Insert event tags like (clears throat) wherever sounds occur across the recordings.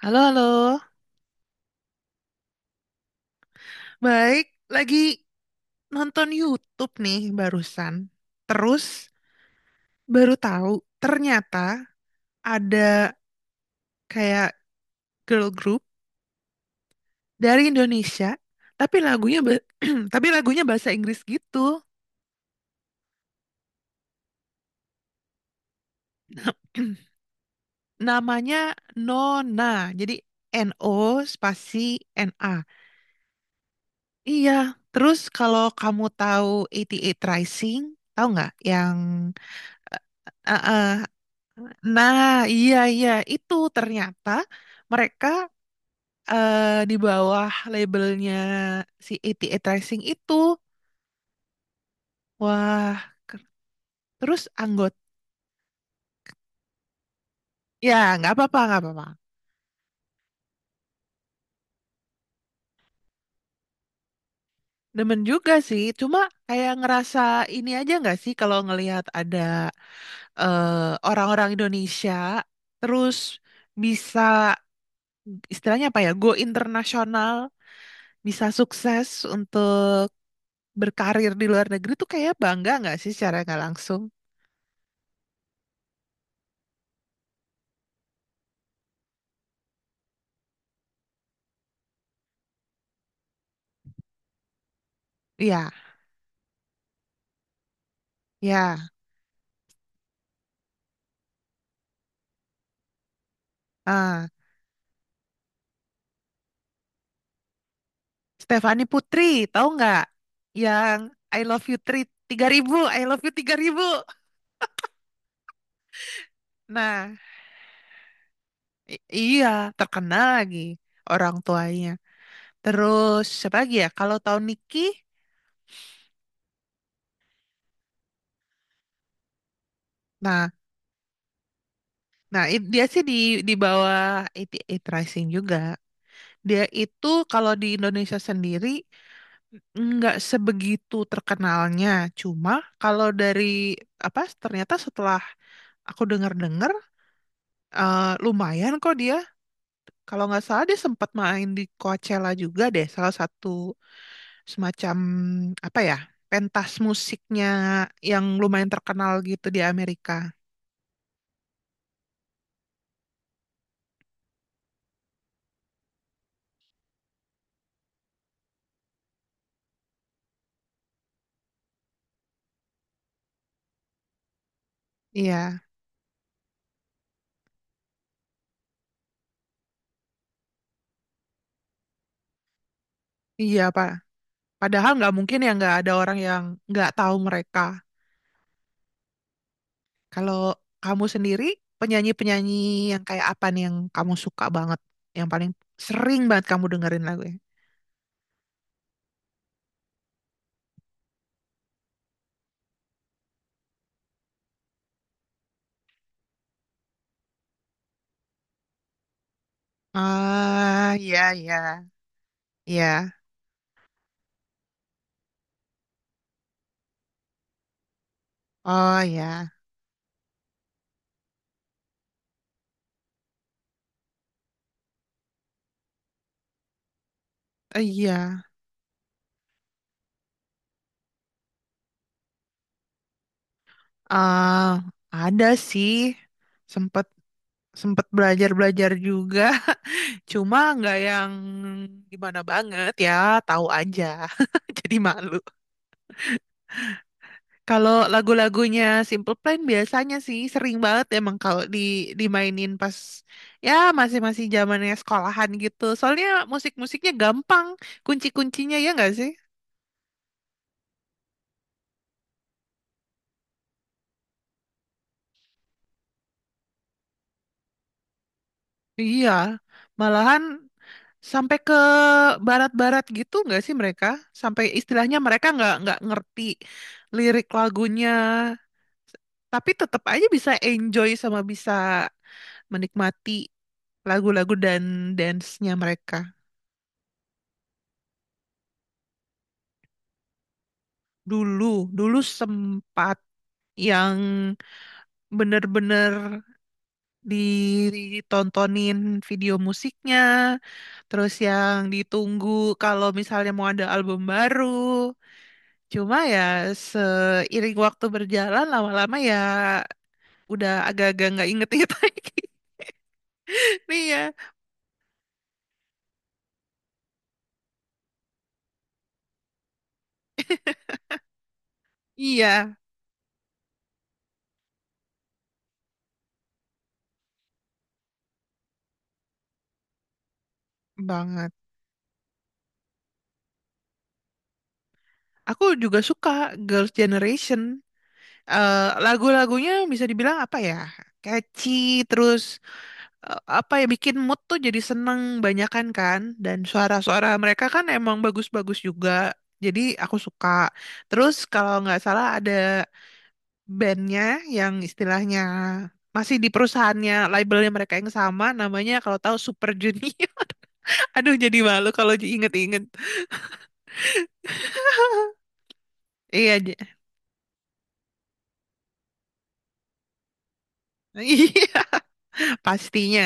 Halo, halo. Baik, lagi nonton YouTube nih barusan. Terus baru tahu ternyata ada kayak girl group dari Indonesia, tapi lagunya ba- (clears throat) tapi lagunya bahasa Inggris gitu. (clears throat) Namanya Nona. Jadi N O spasi N A. Iya, terus kalau kamu tahu 88 Rising, tahu nggak yang eh, eh, eh, nah, iya iya itu ternyata mereka eh, di bawah labelnya si ATA Tracing itu. Wah, terus ya nggak apa-apa, nggak apa-apa. Demen juga sih, cuma kayak ngerasa ini aja nggak sih kalau ngelihat ada eh, orang-orang Indonesia terus bisa istilahnya apa ya go internasional, bisa sukses untuk berkarir di luar negeri tuh kayak bangga nggak sih secara nggak langsung? Iya, ya. Ah, Stefani Putri, tahu nggak? Yang I love you 3.000, I love you 3.000. Nah, iya, terkenal lagi orang tuanya. Terus siapa lagi ya? Kalau tahu Niki, nah, nah dia sih di bawah 88 Rising juga. Dia itu kalau di Indonesia sendiri nggak sebegitu terkenalnya. Cuma kalau dari apa? Ternyata setelah aku dengar-dengar, eh, lumayan kok dia. Kalau nggak salah dia sempat main di Coachella juga deh. Salah satu semacam apa ya pentas musiknya yang lumayan terkenal gitu di Amerika. Iya, iya Pak. Padahal nggak mungkin ya nggak ada orang yang nggak tahu mereka. Kalau kamu sendiri, penyanyi-penyanyi yang kayak apa nih yang kamu suka banget, yang paling sering banget kamu dengerin lagunya? Ah, iya, iya, iya. Oh, iya. Iya. Ah, ada sih, sempet sempet belajar belajar juga, (laughs) cuma nggak yang gimana banget ya, tahu aja. (laughs) Jadi malu. Kalau lagu-lagunya Simple Plan biasanya sih sering banget emang kalau dimainin pas ya masih-masih zamannya sekolahan gitu. Soalnya musik-musiknya gampang, kunci-kuncinya ya nggak sih? Iya, malahan sampai ke barat-barat gitu nggak sih mereka? Sampai istilahnya mereka nggak ngerti lirik lagunya, tapi tetap aja bisa enjoy sama bisa menikmati lagu-lagu dan dance-nya mereka. Dulu, dulu sempat yang bener-bener ditontonin video musiknya, terus yang ditunggu kalau misalnya mau ada album baru. Cuma ya seiring waktu berjalan lama-lama ya udah agak-agak nggak inget-inget (laughs) lagi. Nih ya, iya banget. Aku juga suka Girls' Generation. Eh, Lagu-lagunya bisa dibilang apa ya? Catchy, terus apa ya bikin mood tuh jadi seneng banyakan kan. Dan suara-suara mereka kan emang bagus-bagus juga. Jadi aku suka. Terus kalau nggak salah ada bandnya yang istilahnya masih di perusahaannya labelnya mereka yang sama namanya, kalau tahu Super Junior. (laughs) Aduh, jadi malu kalau diinget-inget. Iya, (laughs) iya pastinya.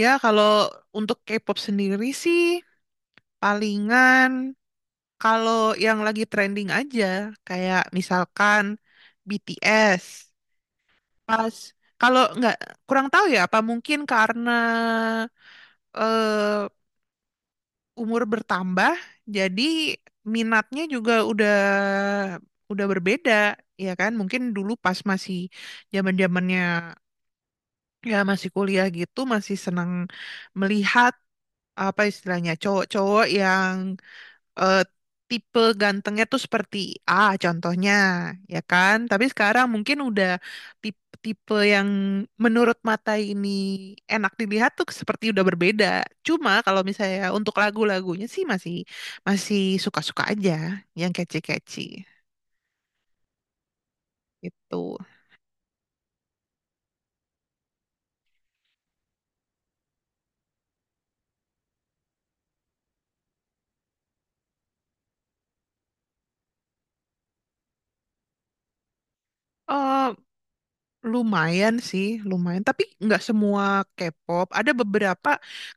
Ya, kalau untuk K-pop sendiri sih palingan kalau yang lagi trending aja, kayak misalkan BTS. Pas kalau nggak, kurang tahu ya, apa mungkin karena eh, umur bertambah, jadi minatnya juga udah berbeda, ya kan? Mungkin dulu pas masih zaman-zamannya, ya masih kuliah gitu, masih senang melihat apa istilahnya cowok-cowok yang eh, tipe gantengnya tuh seperti A contohnya, ya kan? Tapi sekarang mungkin udah tipe-tipe yang menurut mata ini enak dilihat tuh seperti udah berbeda. Cuma kalau misalnya untuk lagu-lagunya sih masih masih suka-suka aja yang catchy-catchy gitu. Eh Lumayan sih, lumayan. Tapi nggak semua K-pop. Ada beberapa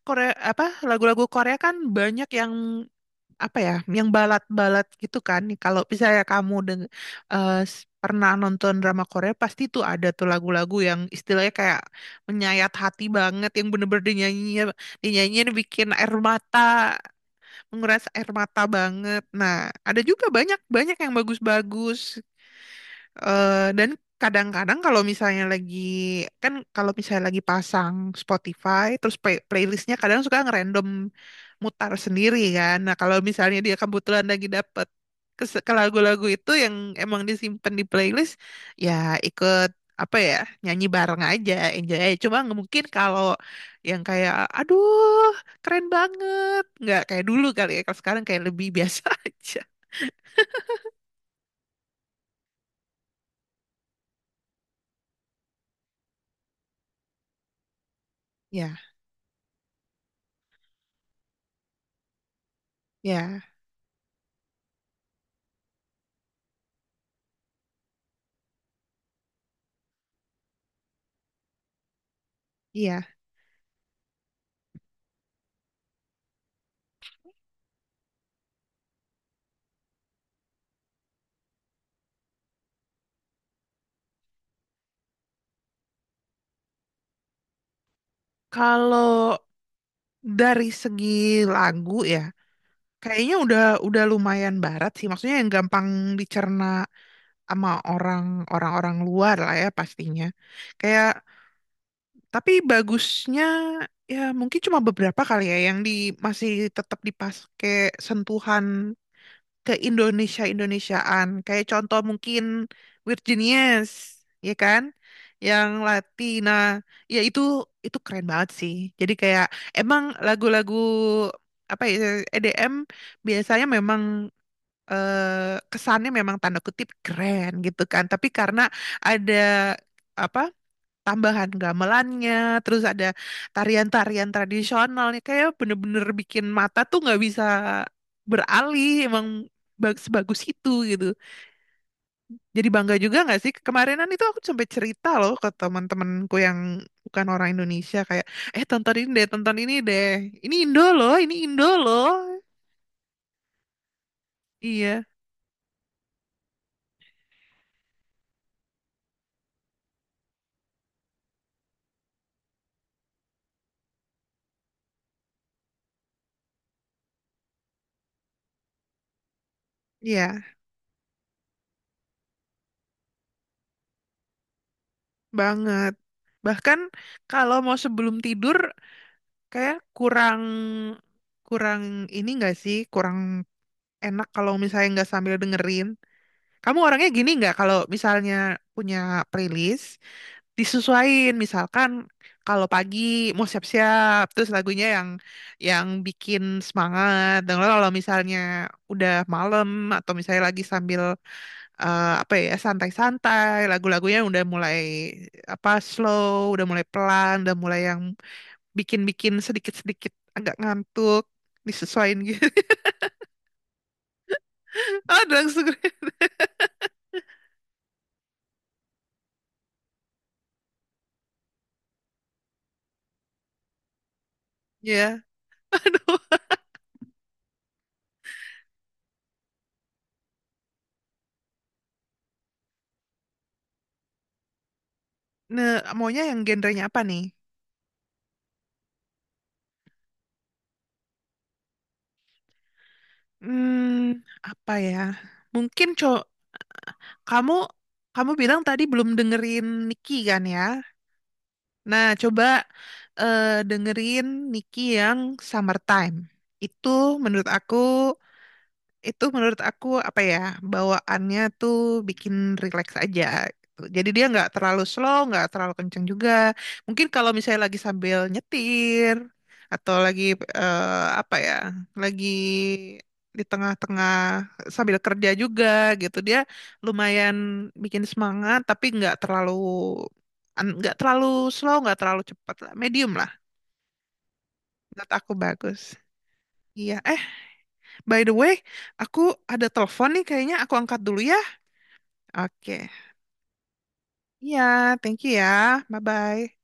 Korea, apa, lagu-lagu Korea kan banyak yang apa ya yang balat-balat gitu kan. Kalau misalnya kamu pernah nonton drama Korea pasti tuh ada tuh lagu-lagu yang istilahnya kayak menyayat hati banget, yang bener-bener dinyanyiin bikin air mata, menguras air mata banget. Nah, ada juga banyak banyak yang bagus-bagus. Eh, dan kadang-kadang kalau misalnya lagi pasang Spotify terus playlistnya kadang suka ngerandom mutar sendiri kan. Nah kalau misalnya dia kebetulan lagi dapet ke lagu-lagu itu yang emang disimpan di playlist, ya ikut apa ya nyanyi bareng aja, enjoy aja. Cuma nggak mungkin kalau yang kayak aduh keren banget, nggak kayak dulu kali ya. Kalau sekarang kayak lebih biasa (laughs) aja. Ya, ya, iya. Kalau dari segi lagu ya kayaknya udah lumayan barat sih, maksudnya yang gampang dicerna sama orang-orang luar lah ya pastinya. Kayak, tapi bagusnya ya mungkin cuma beberapa kali ya yang masih tetap dipakai sentuhan ke Indonesia-Indonesiaan. Kayak contoh mungkin Weird Genius, ya kan? Yang Latina, ya itu keren banget sih. Jadi kayak emang lagu-lagu apa ya EDM biasanya memang kesannya memang tanda kutip keren gitu kan. Tapi karena ada apa tambahan gamelannya, terus ada tarian-tarian tradisionalnya, kayak bener-bener bikin mata tuh nggak bisa beralih, emang sebagus itu gitu. Jadi bangga juga nggak sih? Kemarinan itu aku sampai cerita loh ke teman-temanku yang bukan orang Indonesia, kayak, tonton ini deh, ini Indo loh, ini Indo loh. Iya, iya banget. Bahkan kalau mau sebelum tidur kayak kurang kurang ini nggak sih, kurang enak kalau misalnya nggak sambil dengerin. Kamu orangnya gini nggak kalau misalnya punya playlist disesuaiin, misalkan kalau pagi mau siap-siap terus lagunya yang bikin semangat. Dan kalau misalnya udah malam atau misalnya lagi sambil apa ya santai-santai, lagu-lagunya udah mulai apa slow, udah mulai pelan, udah mulai yang bikin-bikin sedikit-sedikit agak ngantuk, disesuaiin gitu. (laughs) Ada langsung. Ya. Nah, maunya yang genrenya apa nih? Hmm, apa ya? Mungkin co kamu kamu bilang tadi belum dengerin Niki kan ya? Nah, coba eh, dengerin Niki yang Summertime. Itu menurut aku, apa ya, bawaannya tuh bikin relax aja gitu. Jadi dia nggak terlalu slow, nggak terlalu kenceng juga. Mungkin kalau misalnya lagi sambil nyetir atau lagi eh, apa ya, lagi di tengah-tengah sambil kerja juga gitu, dia lumayan bikin semangat tapi nggak terlalu nggak terlalu slow, nggak terlalu cepat lah, medium lah. Menurut aku bagus. Iya, by the way, aku ada telepon nih kayaknya aku angkat dulu ya. Oke. Iya, thank you ya. Bye-bye.